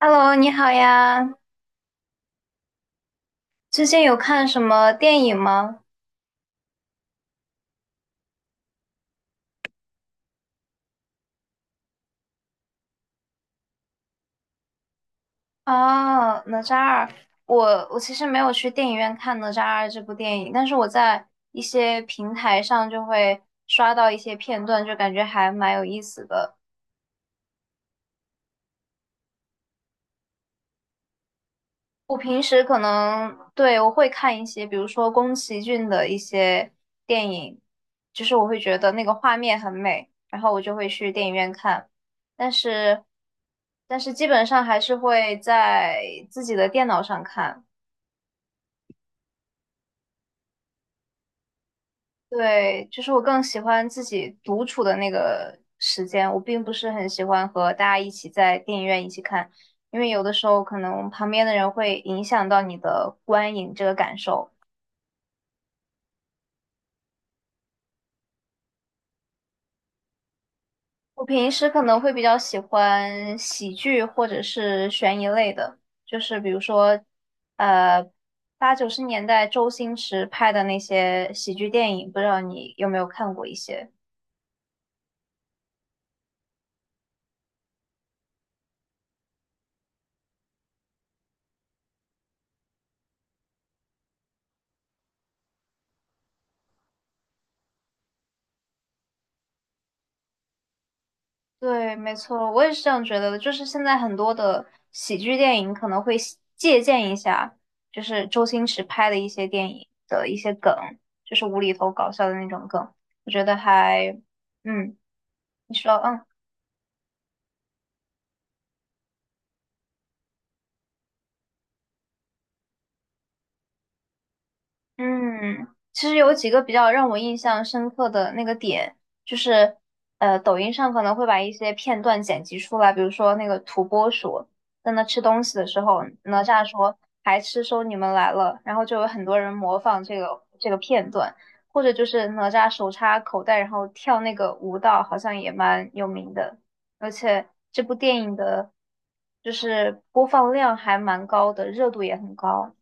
Hello，你好呀！最近有看什么电影吗？哦，哪吒二，我我其实没有去电影院看哪吒二这部电影，但是我在一些平台上就会刷到一些片段，就感觉还蛮有意思的。我平时可能，对，我会看一些，比如说宫崎骏的一些电影，就是我会觉得那个画面很美，然后我就会去电影院看。但是，但是基本上还是会在自己的电脑上看。对，就是我更喜欢自己独处的那个时间，我并不是很喜欢和大家一起在电影院一起看，因为有的时候可能旁边的人会影响到你的观影这个感受。我平时可能会比较喜欢喜剧或者是悬疑类的，就是比如说，呃，八九十年代周星驰拍的那些喜剧电影，不知道你有没有看过一些？对，没错，我也是这样觉得的。就是现在很多的喜剧电影可能会喜借鉴一下，就是周星驰拍的一些电影的一些梗，就是无厘头搞笑的那种梗，我觉得还，嗯，你说，嗯。嗯，其实有几个比较让我印象深刻的那个点，就是抖音上可能会把一些片段剪辑出来，比如说那个土拨鼠在那吃东西的时候，哪吒说“还吃收你们来了”，然后就有很多人模仿这个片段，或者就是哪吒手插口袋然后跳那个舞蹈，好像也蛮有名的，而且这部电影的就是播放量还蛮高的，热度也很高。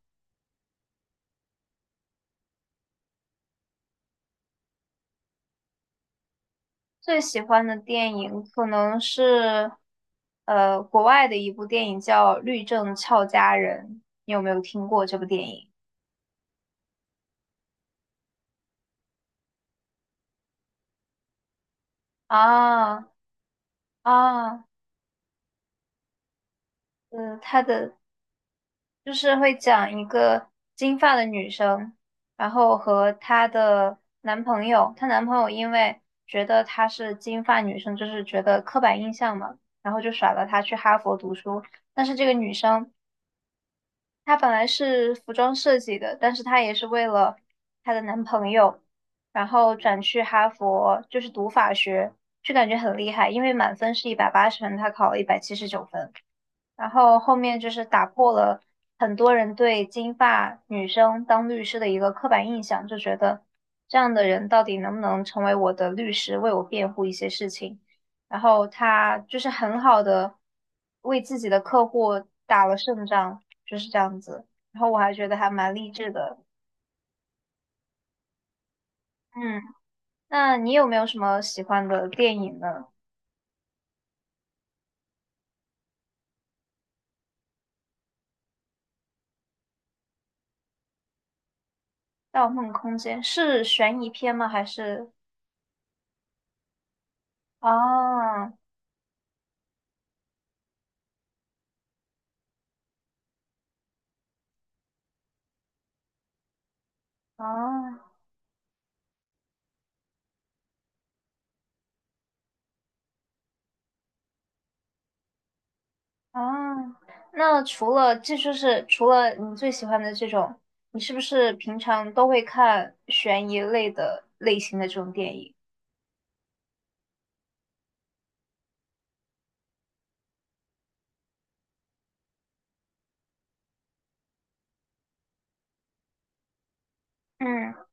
最喜欢的电影可能是，国外的一部电影叫《律政俏佳人》，你有没有听过这部电影？啊啊，她的就是会讲一个金发的女生，然后和她的男朋友，她男朋友因为觉得她是金发女生，就是觉得刻板印象嘛，然后就甩了她去哈佛读书，但是这个女生。她本来是服装设计的，但是她也是为了她的男朋友，然后转去哈佛，就是读法学，就感觉很厉害，因为满分是180分，她考了179分。然后后面就是打破了很多人对金发女生当律师的一个刻板印象，就觉得这样的人到底能不能成为我的律师，为我辩护一些事情。然后他就是很好的为自己的客户打了胜仗，就是这样子。然后我还觉得还蛮励志的。嗯，那你有没有什么喜欢的电影呢？《盗梦空间》是悬疑片吗？还是？哦哦。啊，那除了这就是除了你最喜欢的这种，你是不是平常都会看悬疑类的类型的这种电影？嗯，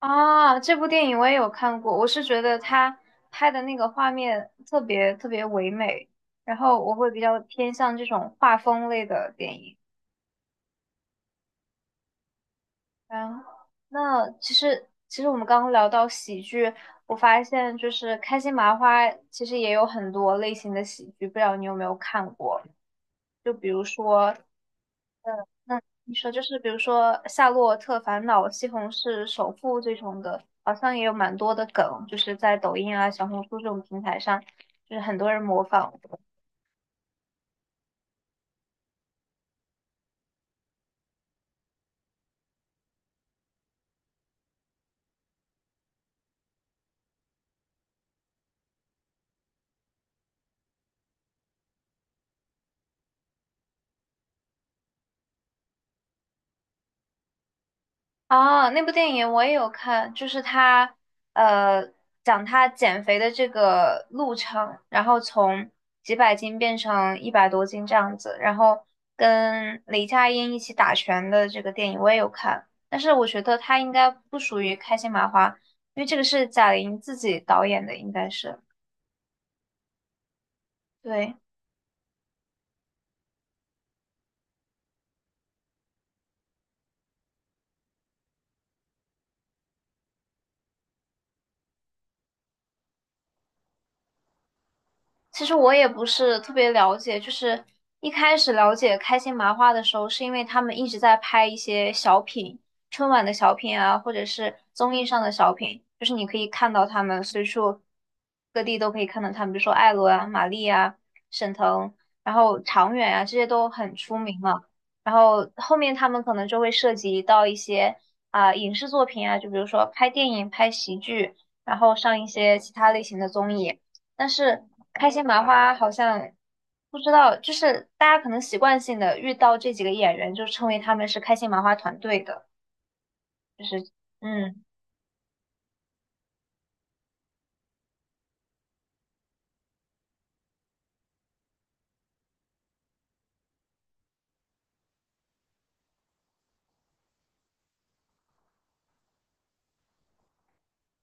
啊，这部电影我也有看过，我是觉得他拍的那个画面特别特别唯美，然后我会比较偏向这种画风类的电影。然后那其实我们刚刚聊到喜剧，我发现就是开心麻花其实也有很多类型的喜剧，不知道你有没有看过？就比如说，那你说就是比如说《夏洛特烦恼》《西红柿首富》这种的，好像也有蛮多的梗，就是在抖音啊、小红书这种平台上，就是很多人模仿。啊，那部电影我也有看，就是他呃讲他减肥的这个路程，然后从几百斤变成100多斤这样子，然后跟雷佳音一起打拳的这个电影我也有看，但是我觉得他应该不属于开心麻花，因为这个是贾玲自己导演的，应该是对。其实我也不是特别了解，就是一开始了解开心麻花的时候，是因为他们一直在拍一些小品，春晚的小品啊，或者是综艺上的小品，就是你可以看到他们随处各地都可以看到他们，比如说艾伦啊、马丽啊、沈腾，然后常远啊，这些都很出名嘛。然后后面他们可能就会涉及到一些啊、影视作品啊，就比如说拍电影、拍喜剧，然后上一些其他类型的综艺。但是开心麻花好像不知道，就是大家可能习惯性的遇到这几个演员，就称为他们是开心麻花团队的，就是嗯。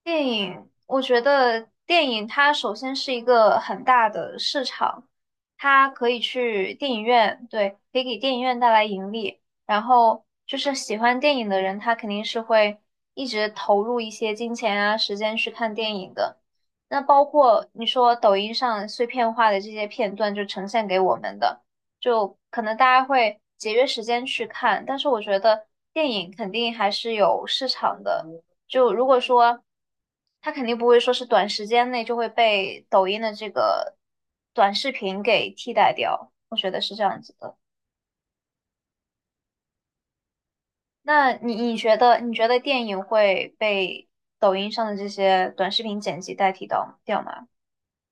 电影，我觉得电影它首先是一个很大的市场，它可以去电影院，对，可以给电影院带来盈利。然后就是喜欢电影的人，他肯定是会一直投入一些金钱啊、时间去看电影的。那包括你说抖音上碎片化的这些片段，就呈现给我们的，就可能大家会节约时间去看，但是我觉得电影肯定还是有市场的。就如果说他肯定不会说是短时间内就会被抖音的这个短视频给替代掉，我觉得是这样子的。那你觉得电影会被抖音上的这些短视频剪辑代替到掉吗？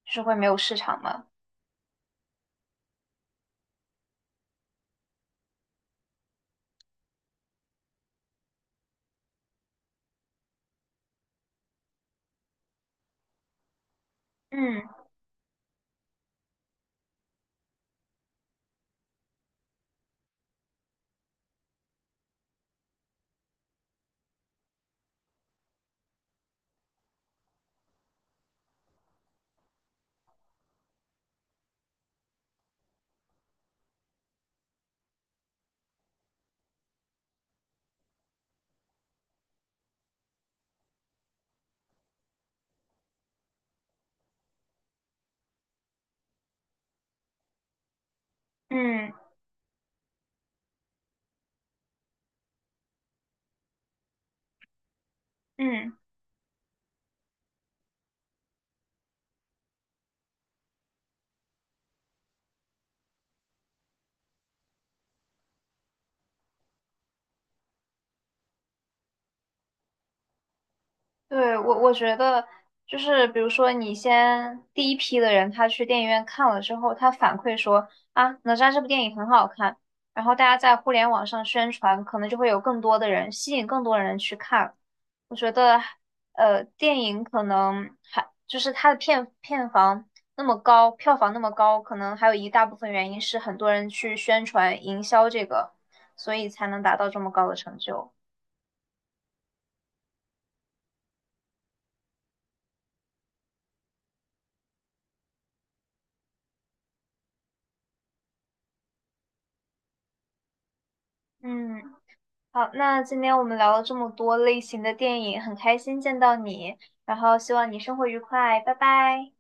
就是会没有市场吗？嗯嗯嗯。对，我我觉得就是，比如说你先第一批的人，他去电影院看了之后，他反馈说啊，哪吒这部电影很好看，然后大家在互联网上宣传，可能就会有更多的人吸引更多的人去看。我觉得，呃，电影可能还就是它的片片房那么高，票房那么高，可能还有一大部分原因是很多人去宣传营销这个，所以才能达到这么高的成就。嗯，好，那今天我们聊了这么多类型的电影，很开心见到你，然后希望你生活愉快，拜拜。